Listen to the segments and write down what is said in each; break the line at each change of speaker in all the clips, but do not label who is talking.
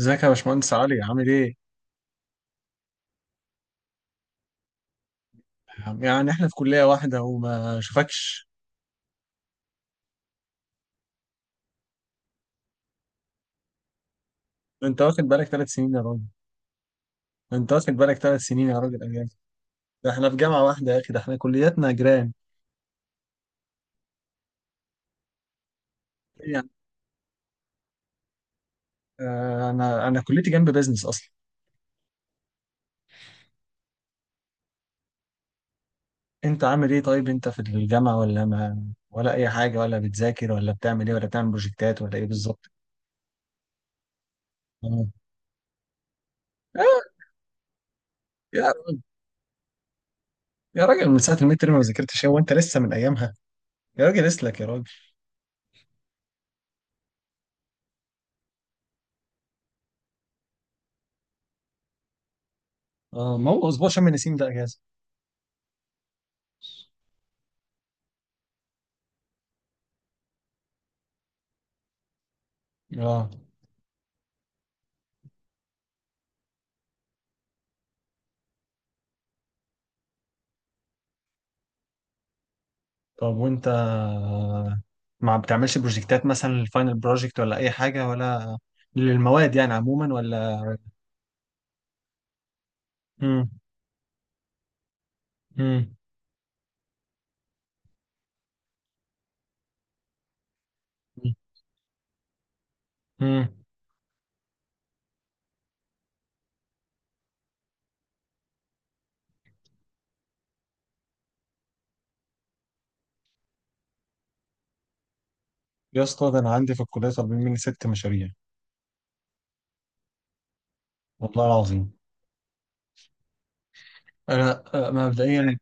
ازيك يا باشمهندس علي عامل ايه؟ يعني احنا في كلية واحدة وما شوفكش. انت واخد بالك ثلاث سنين يا راجل. انت واخد بالك ثلاث سنين يا راجل ايام. ده احنا في جامعة واحدة يا اخي، ده احنا كلياتنا جيران. يعني انا كليتي جنب بيزنس اصلا. انت عامل ايه طيب؟ انت في الجامعة ولا ما، ولا اي حاجة، ولا بتذاكر ولا بتعمل ايه، ولا بتعمل بروجكتات ولا ايه بالظبط؟ اه. آه، يا راجل، يا راجل، من ساعة الميد تيرم ما ذاكرتش؟ هو انت لسه من ايامها؟ يا راجل اسلك يا راجل. اه، ما هو اسبوع شم النسيم ده اجازة. اه. طب وانت ما بتعملش بروجكتات مثلا، الفاينل بروجكت ولا اي حاجه، ولا للمواد يعني عموما، ولا؟ مم. مم. مم. يا اسطى، ده انا عندي في الكليه طالبين مني ست مشاريع. والله العظيم، انا مبدئيا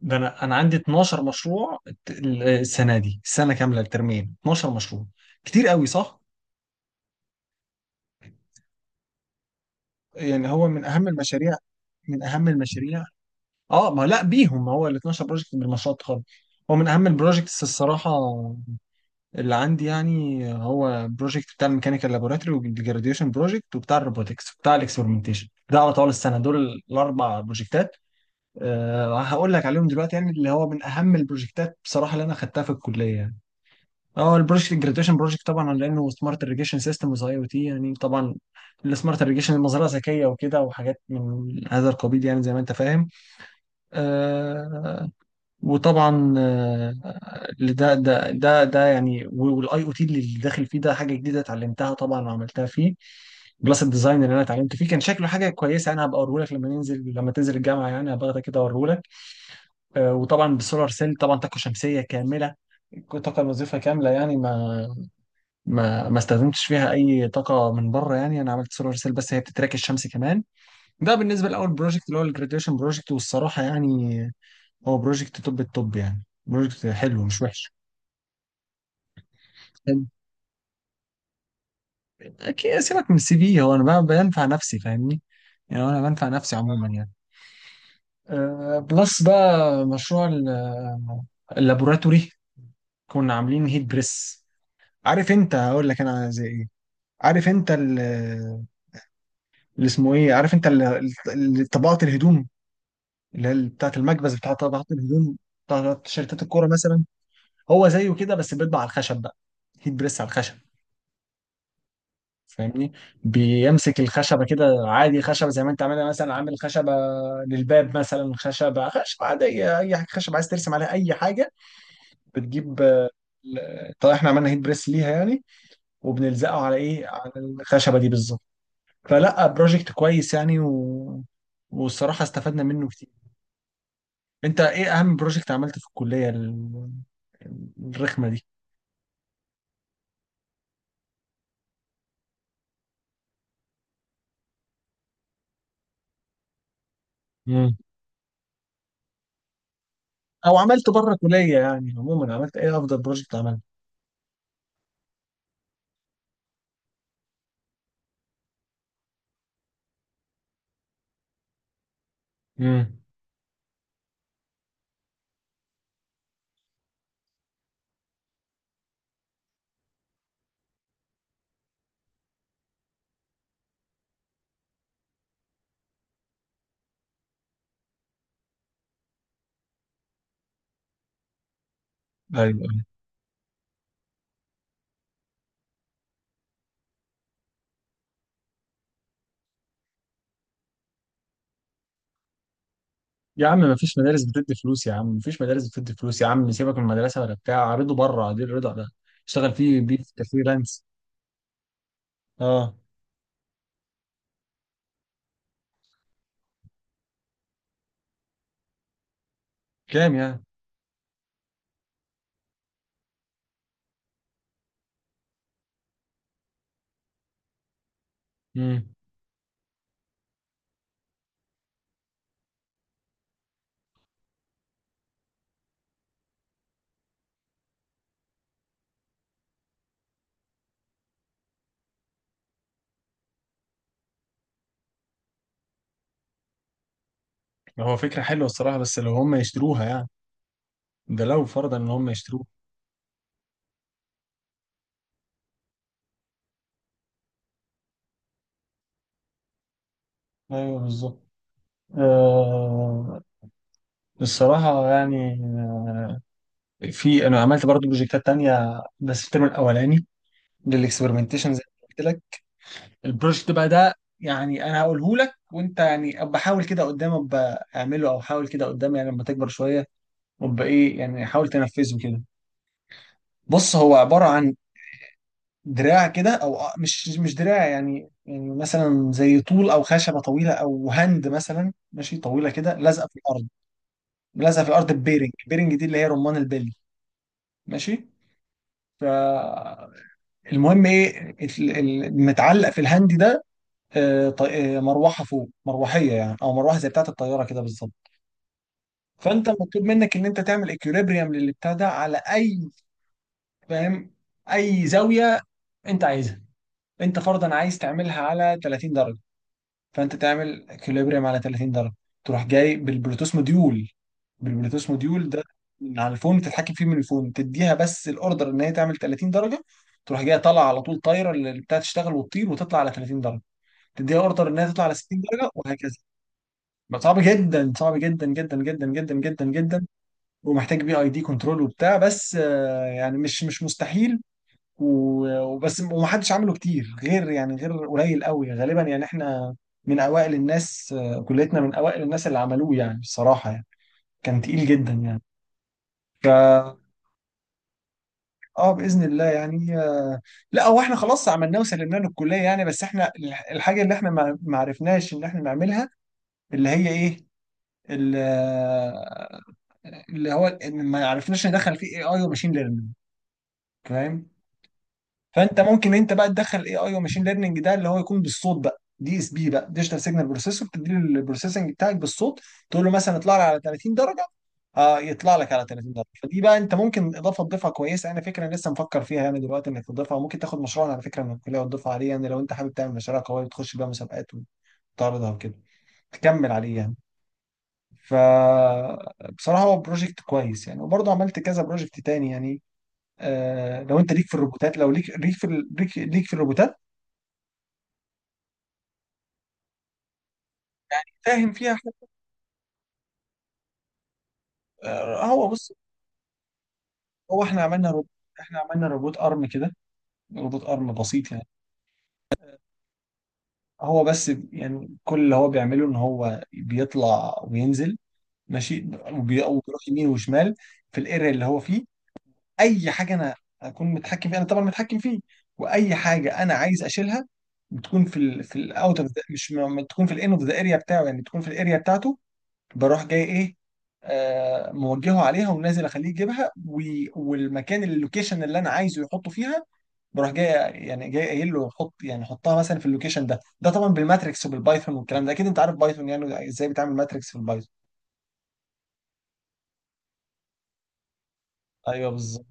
ده انا عندي 12 مشروع السنه دي، السنه كامله الترمين، 12 مشروع. كتير قوي صح؟ يعني هو من اهم المشاريع. من اهم المشاريع. اه، ما لا بيهم، ما هو ال 12 بروجكت بالمشروع التخرج. هو من اهم البروجكتس الصراحه اللي عندي يعني. هو بروجكت بتاع الميكانيكال لابوراتوري، والجراديويشن بروجكت، وبتاع الروبوتكس، وبتاع الاكسبرمنتيشن، ده على طول السنه. دول الاربع بروجكتات أه هقول لك عليهم دلوقتي، يعني اللي هو من اهم البروجكتات بصراحه اللي انا خدتها في الكليه يعني. اه، البروجكت الجراديويشن بروجكت طبعا لانه سمارت irrigation سيستمز، اي او تي يعني طبعا. السمارت irrigation، المزرعه ذكيه وكده وحاجات من هذا القبيل يعني، زي ما انت فاهم. آه، وطبعا ده يعني، والاي او تي اللي داخل فيه ده حاجه جديده اتعلمتها طبعا وعملتها فيه. جلاسك ديزاين اللي انا اتعلمت فيه كان شكله حاجه كويسه، انا هبقى اوريهولك لما ننزل، لما تنزل الجامعه يعني هبقى اخدك كده اوريهولك. وطبعا بالسولار سيل طبعا طاقه شمسيه كامله. طاقه الوظيفه كامله يعني، ما استخدمتش فيها اي طاقه من بره، يعني انا عملت سولار سيل بس هي بتتراك الشمس كمان. ده بالنسبه لاول بروجكت، اللي هو الجراديويشن بروجكت، والصراحه يعني هو بروجكت توب التوب، يعني بروجكت حلو مش وحش. اكيد، سيبك من السي في، هو انا بقى بنفع نفسي فاهمني؟ يعني انا بنفع نفسي عموما يعني. أه بلس بقى مشروع اللابوراتوري. كنا عاملين هيت بريس. عارف انت؟ هقول لك انا زي ايه. عارف انت اللي اسمه ايه؟ عارف انت طبقات الهدوم، اللي هي بتاعت المكبس بتاع طبقات الهدوم، بتاعت تيشيرتات الكوره مثلا. هو زيه كده بس بيطبع على الخشب بقى، هيت بريس على الخشب. فاهمني؟ بيمسك الخشبه كده عادي، خشبه زي ما انت عاملها مثلا، عامل خشبه للباب مثلا، خشبه خشبه عاديه، اي حاجه خشبه عايز ترسم عليها اي حاجه. بتجيب طيب احنا عملنا هيت بريس ليها يعني، وبنلزقه على ايه؟ على الخشبه دي بالظبط. فلا، بروجكت كويس يعني، و... والصراحه استفدنا منه كتير. انت ايه اهم بروجكت عملته في الكليه الرخمه دي؟ مم. او عملته بره الكليه يعني عموما، عملت ايه افضل بروجكت عملته؟ مم. ايوه يا عم، ما فيش مدارس بتدي فلوس يا عم، ما فيش مدارس بتدي فلوس يا عم. سيبك من المدرسه ولا بتاع عرضه بره دي، الرضا ده اشتغل فيه بيه في كفريلانس. اه، كام يعني؟ امم. هو فكره حلوه الصراحه بس لو هم يشتروها يعني، ده لو فرضا ان هم يشتروها. ايوه بالظبط. آه، الصراحه يعني، في انا عملت برضه بروجكتات تانية بس في الترم الاولاني، للاكسبيرمنتيشن زي ما قلت لك. البروجكت بقى ده يعني انا هقوله لك، وانت يعني ابقى حاول كده قدام ابقى اعمله، او حاول كده قدام يعني لما تكبر شويه، وابقى ايه يعني، حاول تنفذه كده. بص، هو عباره عن دراع كده، او مش دراع يعني، يعني مثلا زي طول او خشبه طويله، او هند مثلا ماشي طويله كده، لازقه في الارض. لازقه في الارض ببيرنج، بيرنج دي اللي هي رمان البلي. ماشي. فالمهم، ايه المتعلق في الهند ده؟ مروحه، فوق مروحيه يعني، او مروحه زي بتاعه الطياره كده بالظبط. فانت مطلوب منك ان انت تعمل اكيوليبريم للبتاع ده على اي، فاهم، اي زاويه انت عايزها. انت فرضا عايز تعملها على 30 درجه، فانت تعمل اكيوليبريم على 30 درجه. تروح جاي بالبلوتوث موديول، بالبلوتوث موديول ده من على الفون تتحكم فيه، من الفون تديها بس الاوردر ان هي تعمل 30 درجه، تروح جايه طالعه على طول طايره، اللي بتاعت تشتغل وتطير وتطلع على 30 درجه. تديها اوردر انها تطلع على 60 درجه، وهكذا. ما صعب جدا، صعب جدا جدا جدا جدا جدا جدا، ومحتاج بي اي دي كنترول وبتاع، بس يعني مش مستحيل. وبس، ومحدش عمله كتير، غير يعني غير قليل قوي غالبا، يعني احنا من اوائل الناس، كليتنا من اوائل الناس اللي عملوه يعني بصراحة يعني. كان تقيل جدا يعني. ف، اه باذن الله يعني. لا، هو احنا خلاص عملناه وسلمناه للكلية يعني، بس احنا الحاجة اللي احنا ما عرفناش ان احنا نعملها، اللي هي ايه، ال- اللي هو ان ما يعرفناش ندخل فيه اي اي وماشين ليرنينج، فاهم؟ فانت ممكن انت بقى تدخل اي اي وماشين ليرنينج ده، اللي هو يكون بالصوت بقى، دي اس بي بقى، ديجيتال سيجنال بروسيسور، تدي له البروسيسنج بتاعك بالصوت، تقول له مثلا اطلع لي على 30 درجه، آه يطلع لك على 30 درجه. فدي بقى انت ممكن اضافه تضيفها كويسه، انا فكره لسه مفكر فيها يعني دلوقتي، انك تضيفها. وممكن تاخد مشروع على فكره من الكليه وتضيفها عليه، يعني لو انت حابب تعمل مشاريع قويه تخش بيها مسابقات وتعرضها وكده، تكمل عليه يعني. فبصراحة، هو بروجكت كويس يعني. وبرضه عملت كذا بروجكت تاني يعني. آه، لو انت ليك في الروبوتات، لو ليك ليك في الروبوتات، فاهم فيها حاجة. آه، هو بص، هو احنا عملنا روبوت، احنا عملنا روبوت ارم كده، روبوت ارم بسيط يعني. هو بس يعني كل اللي هو بيعمله ان هو بيطلع وينزل، ماشي، وبيروح يمين وشمال في الايريا اللي هو فيه. اي حاجه انا اكون متحكم فيها، انا طبعا متحكم فيه، واي حاجه انا عايز اشيلها بتكون في ال في الاوت اوف، مش م- بتكون في الان اوف ذا اريا بتاعه يعني، بتكون في الاريا بتاعته. بروح جاي ايه، آه موجهه عليها ونازل اخليه يجيبها والمكان اللوكيشن اللي انا عايزه يحطه فيها. بروح جاي يعني، جاي قايل له حط يعني حطها مثلا في اللوكيشن ده. ده طبعا بالماتريكس وبالبايثون والكلام ده، اكيد انت عارف بايثون يعني ازاي بتعمل ماتريكس في البايثون. ايوه بالظبط.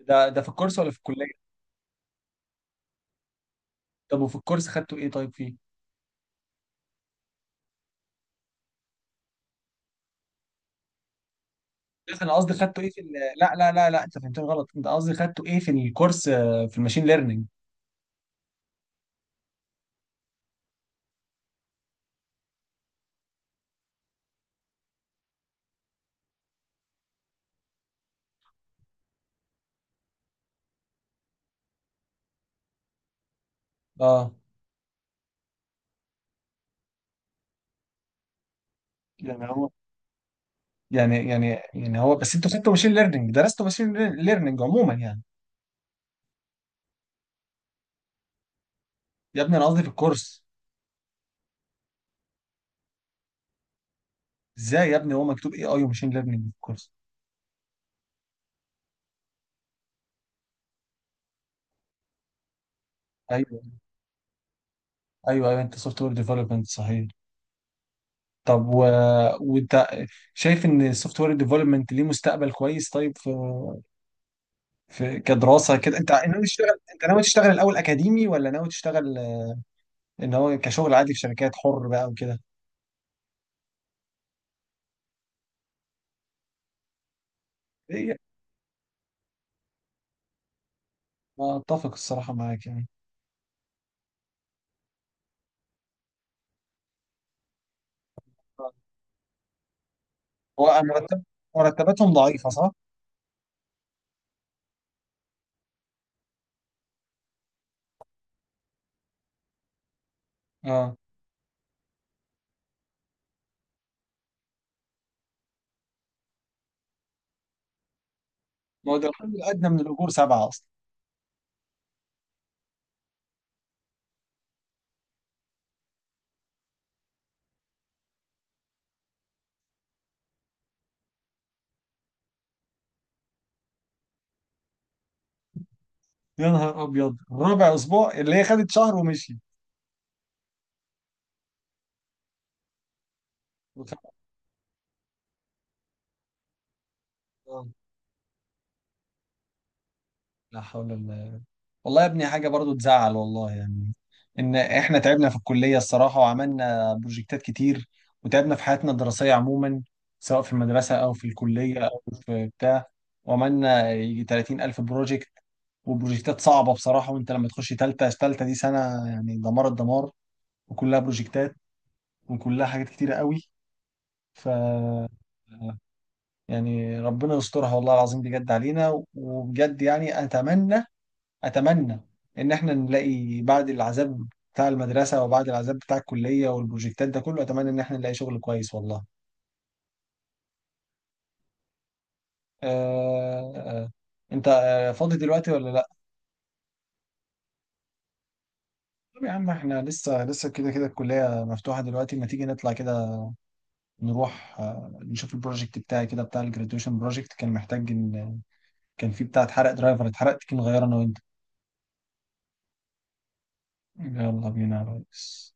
ده في الكورس ولا في الكليه؟ طب وفي الكورس خدته ايه طيب فيه؟ بس انا قصدي خدته ايه في ال... لا لا لا لا، انت فهمتني غلط، انت قصدي خدته ايه في الكورس، في الماشين ليرنينج؟ اه. يعني هو، يعني يعني يعني هو، بس انتوا خدتوا ماشين ليرنينج؟ درستوا ماشين ليرنينج عموما يعني؟ يا ابني انا قصدي في الكورس. ازاي يا ابني، هو مكتوب اي اي وماشين ليرنينج في الكورس. ايوه ايوه ايوه، انت سوفت وير ديفلوبمنت صحيح. طب و... وانت شايف ان السوفت وير ديفلوبمنت ليه مستقبل كويس طيب؟ في في كدراسه كده، انت ناوي تشتغل؟ انت ناوي تشتغل الاول اكاديمي ولا ناوي تشتغل ان هو كشغل عادي في شركات حر بقى وكده؟ إيه، اتفق الصراحه معاك يعني. هو مرتب، مرتباتهم ضعيفه صح؟ اه، ما هو ده الحد الادنى من الاجور سبعه اصلا. يا نهار ابيض، رابع اسبوع، اللي هي خدت شهر ومشي. وخ- آه. لا حول الله. والله يا ابني حاجة برضو تزعل والله يعني، إن إحنا تعبنا في الكلية الصراحة وعملنا بروجكتات كتير، وتعبنا في حياتنا الدراسية عموما، سواء في المدرسة أو في الكلية أو في بتاع، وعملنا يجي 30 ألف بروجكت وبروجكتات صعبة بصراحة. وأنت لما تخش تالتة، تالتة دي سنة يعني دمار الدمار، وكلها بروجكتات وكلها حاجات كتيرة قوي. ف، يعني ربنا يسترها والله العظيم بجد علينا، وبجد يعني أتمنى، اتمنى ان احنا نلاقي بعد العذاب بتاع المدرسه، وبعد العذاب بتاع الكليه والبروجكتات ده كله، اتمنى ان احنا نلاقي شغل كويس والله. آه آه. انت فاضي دلوقتي ولا لا؟ طب يا عم، احنا لسه كده كده الكليه مفتوحه دلوقتي، ما تيجي نطلع كده، نروح نشوف البروجكت بتاعي كده، بتاع الجراديويشن بروجكت، كان محتاج ان، كان فيه بتاع اتحرق، درايفر اتحرقت كي نغيره انا وانت. يلا بينا يا ريس.